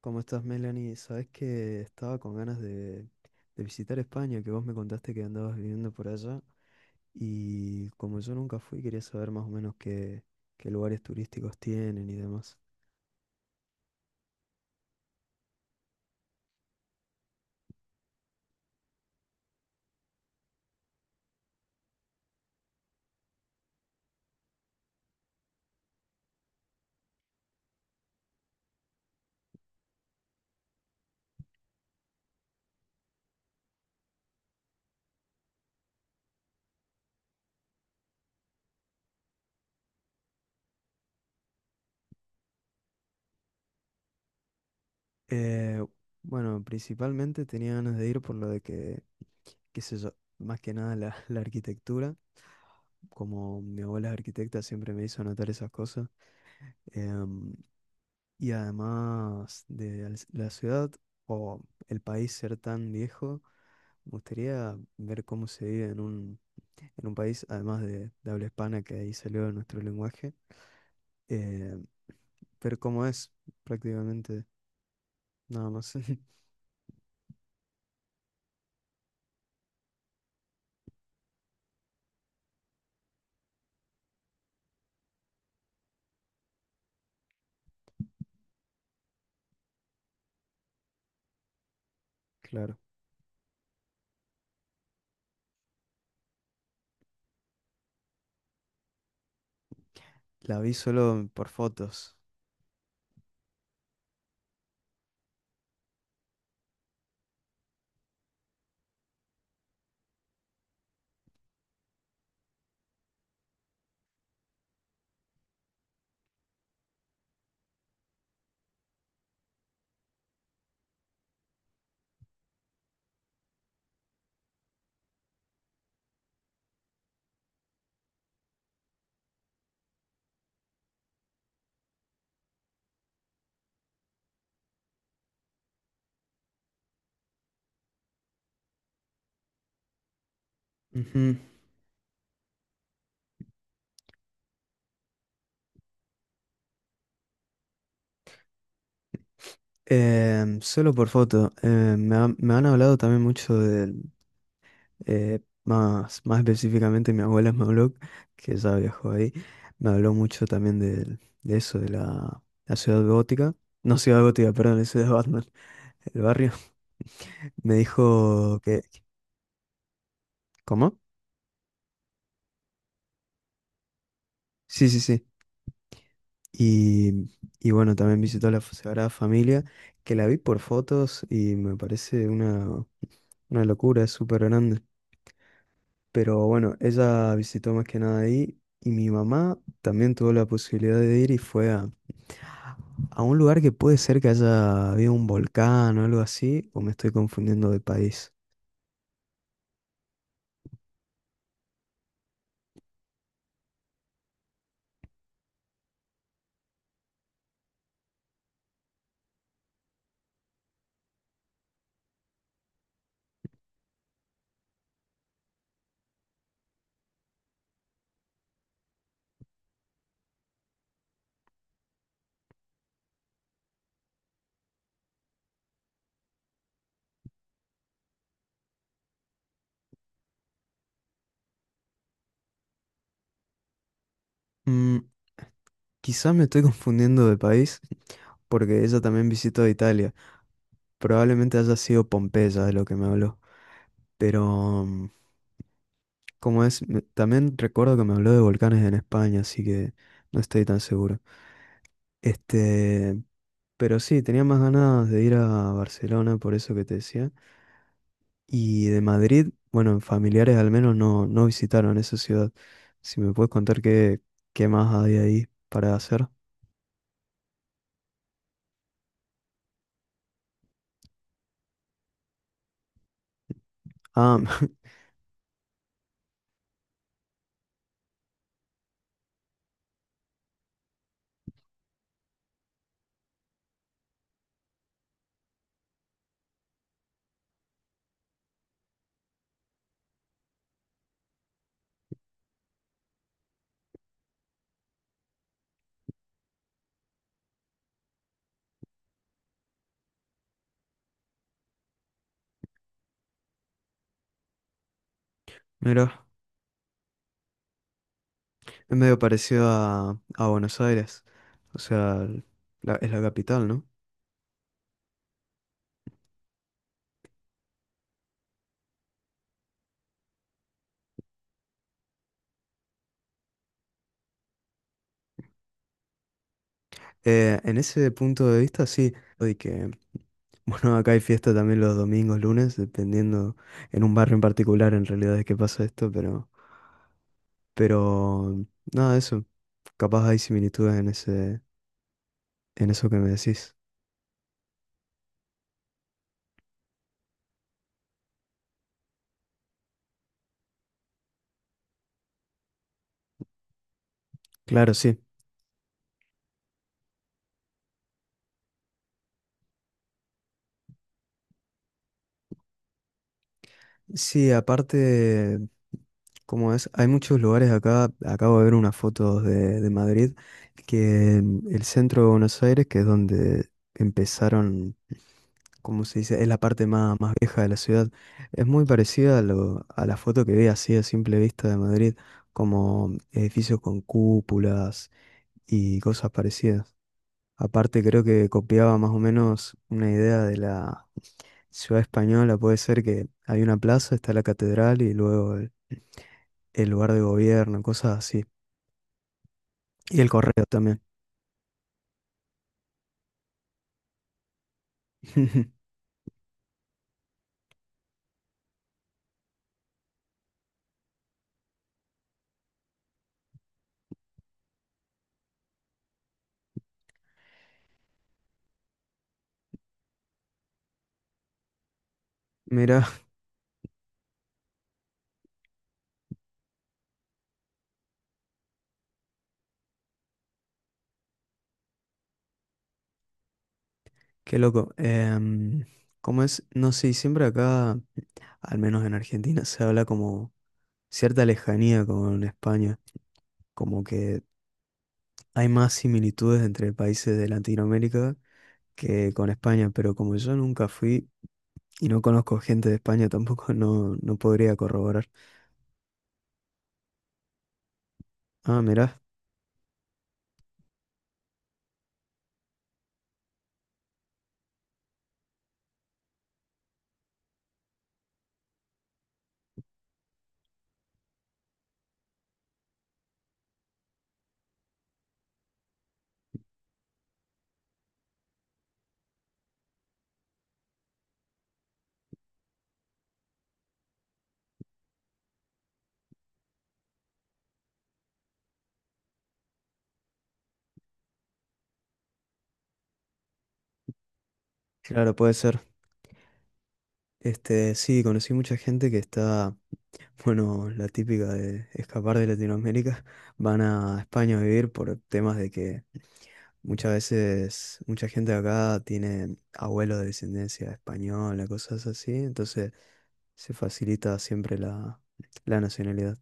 ¿Cómo estás, Melanie? Sabes que estaba con ganas de visitar España, que vos me contaste que andabas viviendo por allá. Y como yo nunca fui, quería saber más o menos qué lugares turísticos tienen y demás. Eh, bueno, principalmente tenía ganas de ir por lo de qué sé yo, más que nada la arquitectura. Como mi abuela es arquitecta, siempre me hizo anotar esas cosas. Em, y además de la ciudad o el país ser tan viejo. Me gustaría ver cómo se vive en en un país, además de habla hispana, que ahí salió nuestro lenguaje, eh, ver cómo es prácticamente, nada más. Claro. La vi solo por fotos. Ujú. Solo por foto. Me han hablado también mucho de, eh, más, más específicamente mi abuela me habló, que ya viajó ahí, me habló mucho también eso, de la ciudad gótica. No ciudad gótica, perdón, la ciudad de Batman. El barrio, me dijo que... ¿Cómo? Sí, sí, sí. Y, y bueno, también visitó la Sagrada Familia, que la vi por fotos y me parece una locura, es súper grande. Pero bueno, ella visitó más que nada ahí y mi mamá también tuvo la posibilidad de ir y fue a un lugar que puede ser que haya habido un volcán o algo así, o me estoy confundiendo de país. Mm, Quizá me estoy confundiendo de país porque ella también visitó Italia. Probablemente haya sido Pompeya de lo que me habló. Pero, como es, también recuerdo que me habló de volcanes en España, así que no estoy tan seguro. Este, pero sí, tenía más ganas de ir a Barcelona, por eso que te decía. Y de Madrid, bueno, familiares al menos no, no visitaron esa ciudad. Si me puedes contar qué más hay ahí para hacer. Ah, mira, es medio parecido a Buenos Aires. O sea, es la capital, ¿no? En ese punto de vista, sí, lo de que, bueno, acá hay fiesta también los domingos, lunes, dependiendo en un barrio en particular, en realidad es que pasa esto, pero, nada, eso, capaz hay similitudes en ese, en eso que me decís. Claro, sí. Sí, aparte, como es, hay muchos lugares acá, acabo de ver unas fotos de Madrid, que el centro de Buenos Aires, que es donde empezaron, como se dice, es la parte más, más vieja de la ciudad. Es muy parecida a la foto que ve así a simple vista de Madrid, como edificios con cúpulas y cosas parecidas. Aparte creo que copiaba más o menos una idea de la ciudad española, puede ser que hay una plaza, está la catedral y luego el lugar de gobierno, cosas así. Y el correo también. Mira qué loco. Em, ¿cómo es? No sé, siempre acá, al menos en Argentina, se habla como cierta lejanía con España, como que hay más similitudes entre países de Latinoamérica que con España, pero como yo nunca fui y no conozco gente de España tampoco, no, no podría corroborar. Ah, mirá, claro, puede ser. Este, sí, conocí mucha gente que está, bueno, la típica de escapar de Latinoamérica, van a España a vivir por temas de que muchas veces mucha gente de acá tiene abuelos de descendencia española, cosas así, entonces se facilita siempre la nacionalidad.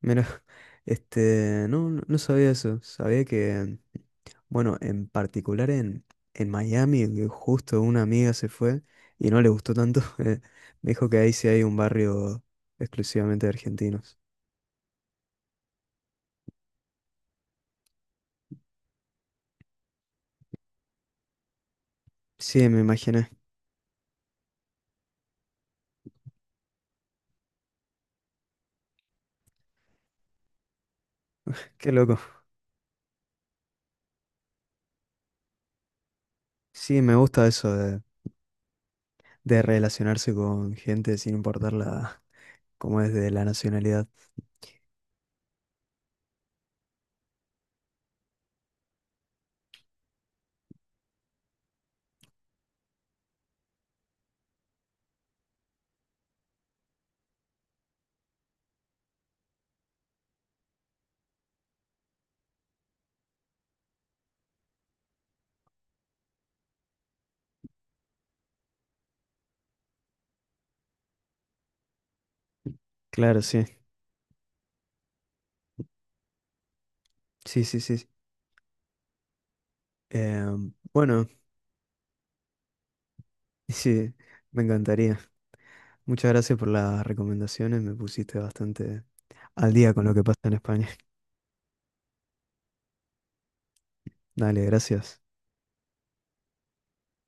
Mira, este, no, no sabía eso. Sabía que, bueno, en particular en Miami, que justo una amiga se fue y no le gustó tanto. Me dijo que ahí sí hay un barrio exclusivamente de argentinos. Sí, me imaginé. Qué loco. Sí, me gusta eso de relacionarse con gente sin importar la, cómo es, de la nacionalidad. Claro, sí. Sí, sí, sí, sí. Em, bueno, sí, me encantaría. Muchas gracias por las recomendaciones. Me pusiste bastante al día con lo que pasa en España. Dale, gracias.